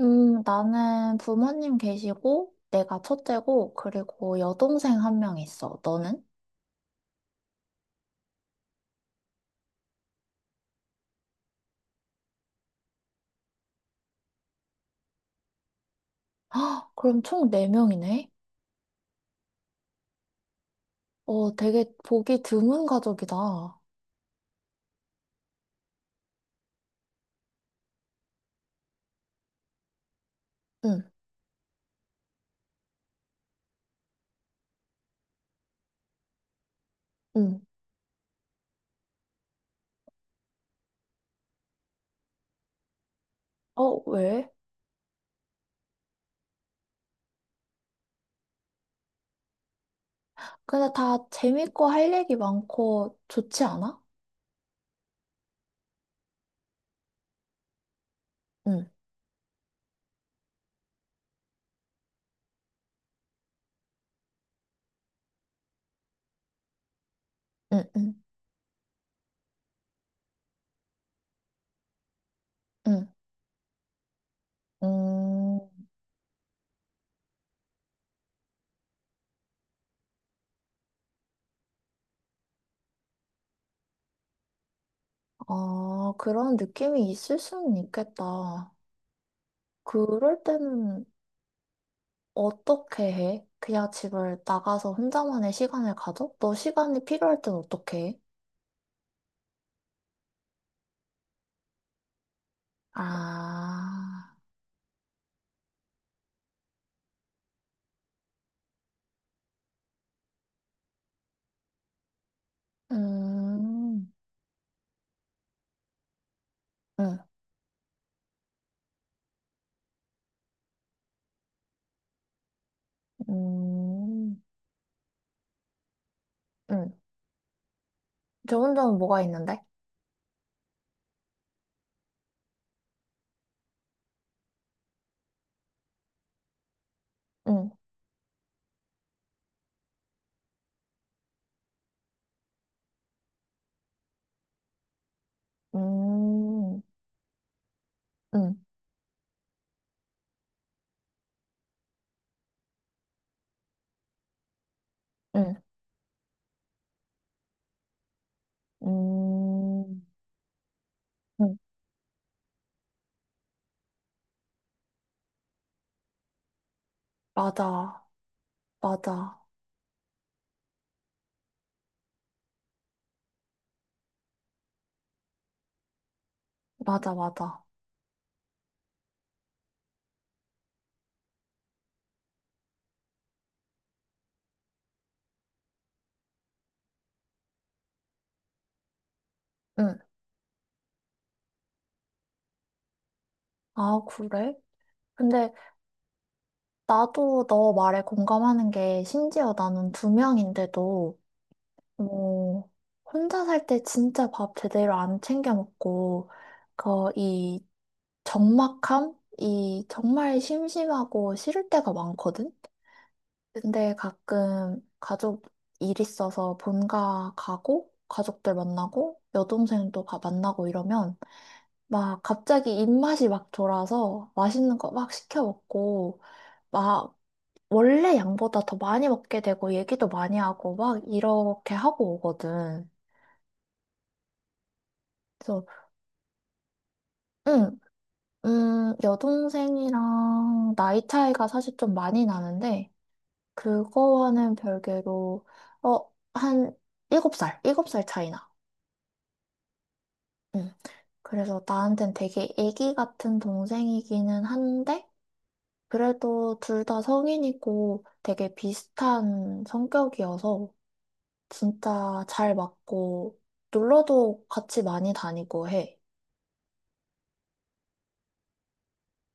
나는 부모님 계시고, 내가 첫째고, 그리고 여동생 한 명 있어. 너는? 헉, 그럼 총 네명이네. 어, 되게 보기 드문 가족이다. 응, 응. 어, 왜? 근데 다 재밌고 할 얘기 많고 좋지 않아? 응, 응, 응, 응. 음, 아, 그런 느낌이 있을 수는 있겠다. 그럴 때는 어떻게 해? 그냥 집을 나가서 혼자만의 시간을 가져? 너 시간이 필요할 땐 어떻게 해? 아, 음, 음, 음, 응. 좋은 점은 뭐가 있는데? 음, 음, 음, 응, 음, 응. 맞아, 맞아, 맞아, 맞아. 응. 아, 그래? 근데 나도 너 말에 공감하는 게 심지어 나는 두 명인데도 어, 혼자 살 때 진짜 밥 제대로 안 챙겨 먹고, 그, 이 적막함? 이 정말 심심하고 싫을 때가 많거든? 근데 가끔 가족 일 있어서 본가 가고, 가족들 만나고, 여동생도 가 만나고 이러면, 막 갑자기 입맛이 막 돌아서 맛있는 거 막 시켜 먹고, 막 원래 양보다 더 많이 먹게 되고, 얘기도 많이 하고, 막 이렇게 하고 오거든. 응, 여동생이랑 나이 차이가 사실 좀 많이 나는데, 그거와는 별개로, 어, 한 7살 차이 나. 응. 그래서 나한텐 되게 애기 같은 동생이기는 한데, 그래도 둘 다 성인이고 되게 비슷한 성격이어서 진짜 잘 맞고, 놀러도 같이 많이 다니고 해.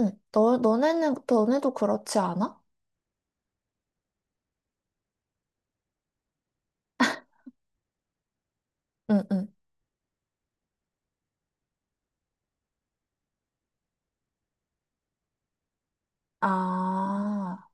응, 너네는, 너네도 그렇지 않아? 응, 응. 아.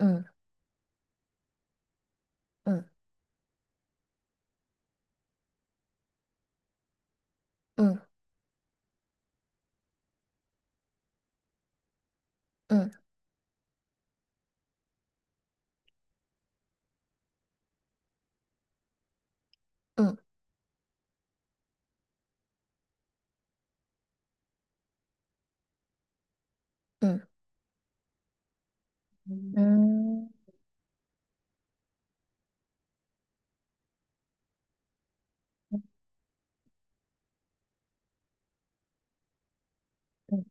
응, 응, 응, 응, 응, 응. 음, 음,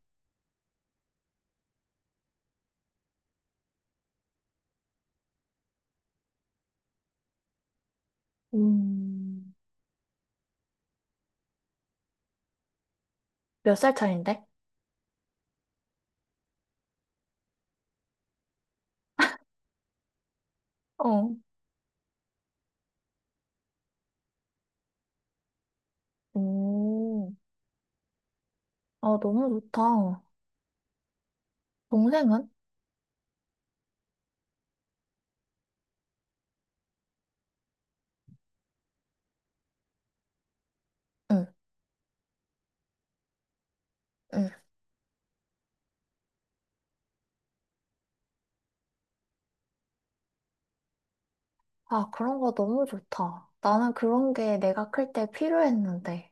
음, 몇 살 차인데? 어, 음, 아, 너무 좋다. 동생은? 응, 응. 아, 그런 거 너무 좋다. 나는 그런 게 내가 클 때 필요했는데.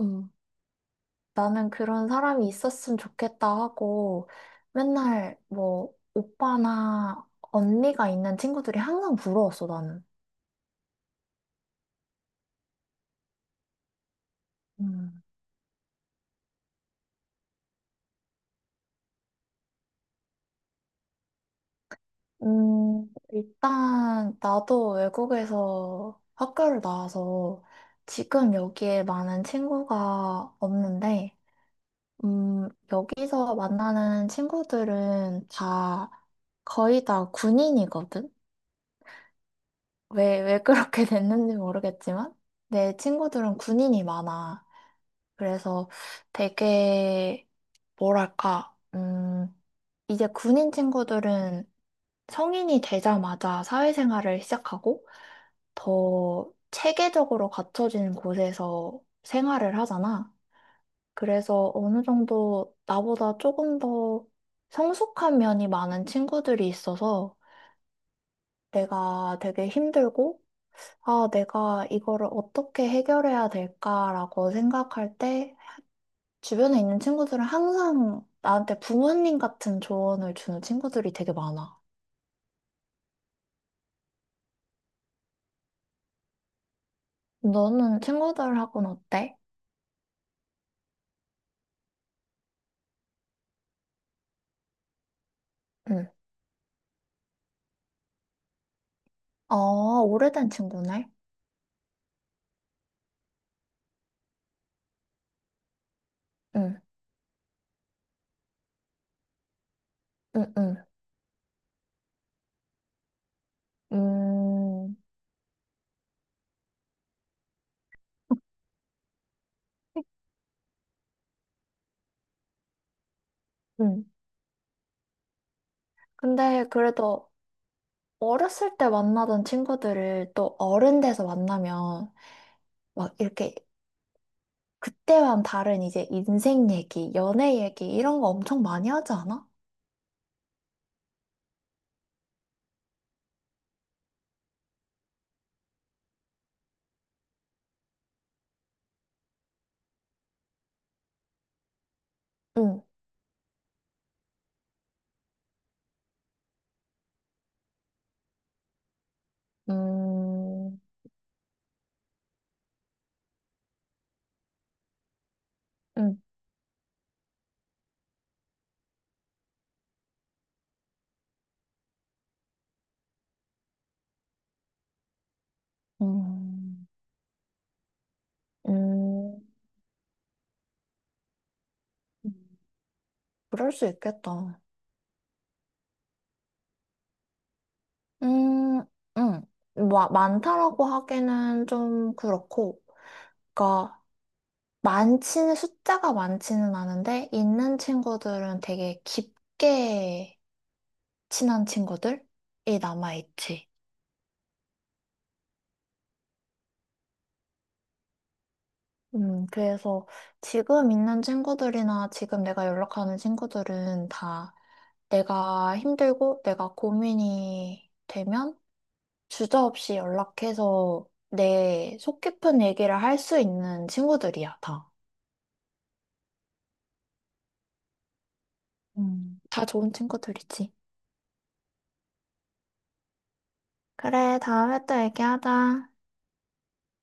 응, 나는 그런 사람이 있었으면 좋겠다 하고 맨날 뭐 오빠나 언니가 있는 친구들이 항상 부러웠어, 나는. 일단 나도 외국에서 학교를 나와서 지금 여기에 많은 친구가 없는데, 여기서 만나는 친구들은 다 거의 다 군인이거든? 왜 그렇게 됐는지 모르겠지만, 내 친구들은 군인이 많아. 그래서 되게, 뭐랄까, 이제 군인 친구들은 성인이 되자마자 사회생활을 시작하고, 더 체계적으로 갖춰진 곳에서 생활을 하잖아. 그래서 어느 정도 나보다 조금 더 성숙한 면이 많은 친구들이 있어서 내가 되게 힘들고, 아, 내가 이거를 어떻게 해결해야 될까라고 생각할 때 주변에 있는 친구들은 항상 나한테 부모님 같은 조언을 주는 친구들이 되게 많아. 너는 친구들하고는 어때? 응. 어, 오래된 친구네? 응, 응, 응. 음, 음. 근데 그래도 어렸을 때 만나던 친구들을 또 어른 돼서 만나면 막 이렇게 그때와는 다른 이제 인생 얘기, 연애 얘기 이런 거 엄청 많이 하지 않아? 응, 음, 음, 음, 음, 그럴 수 있겠다. 음, 음, 뭐, 많다라고 하기는 좀 그렇고, 그니까 많지는, 숫자가 많지는 않은데, 있는 친구들은 되게 깊게 친한 친구들이 남아있지. 그래서 지금 있는 친구들이나 지금 내가 연락하는 친구들은 다 내가 힘들고 내가 고민이 되면 주저없이 연락해서 내 속 깊은 얘기를 할 수 있는 친구들이야, 다. 다 좋은 친구들이지. 그래, 다음에 또 얘기하자.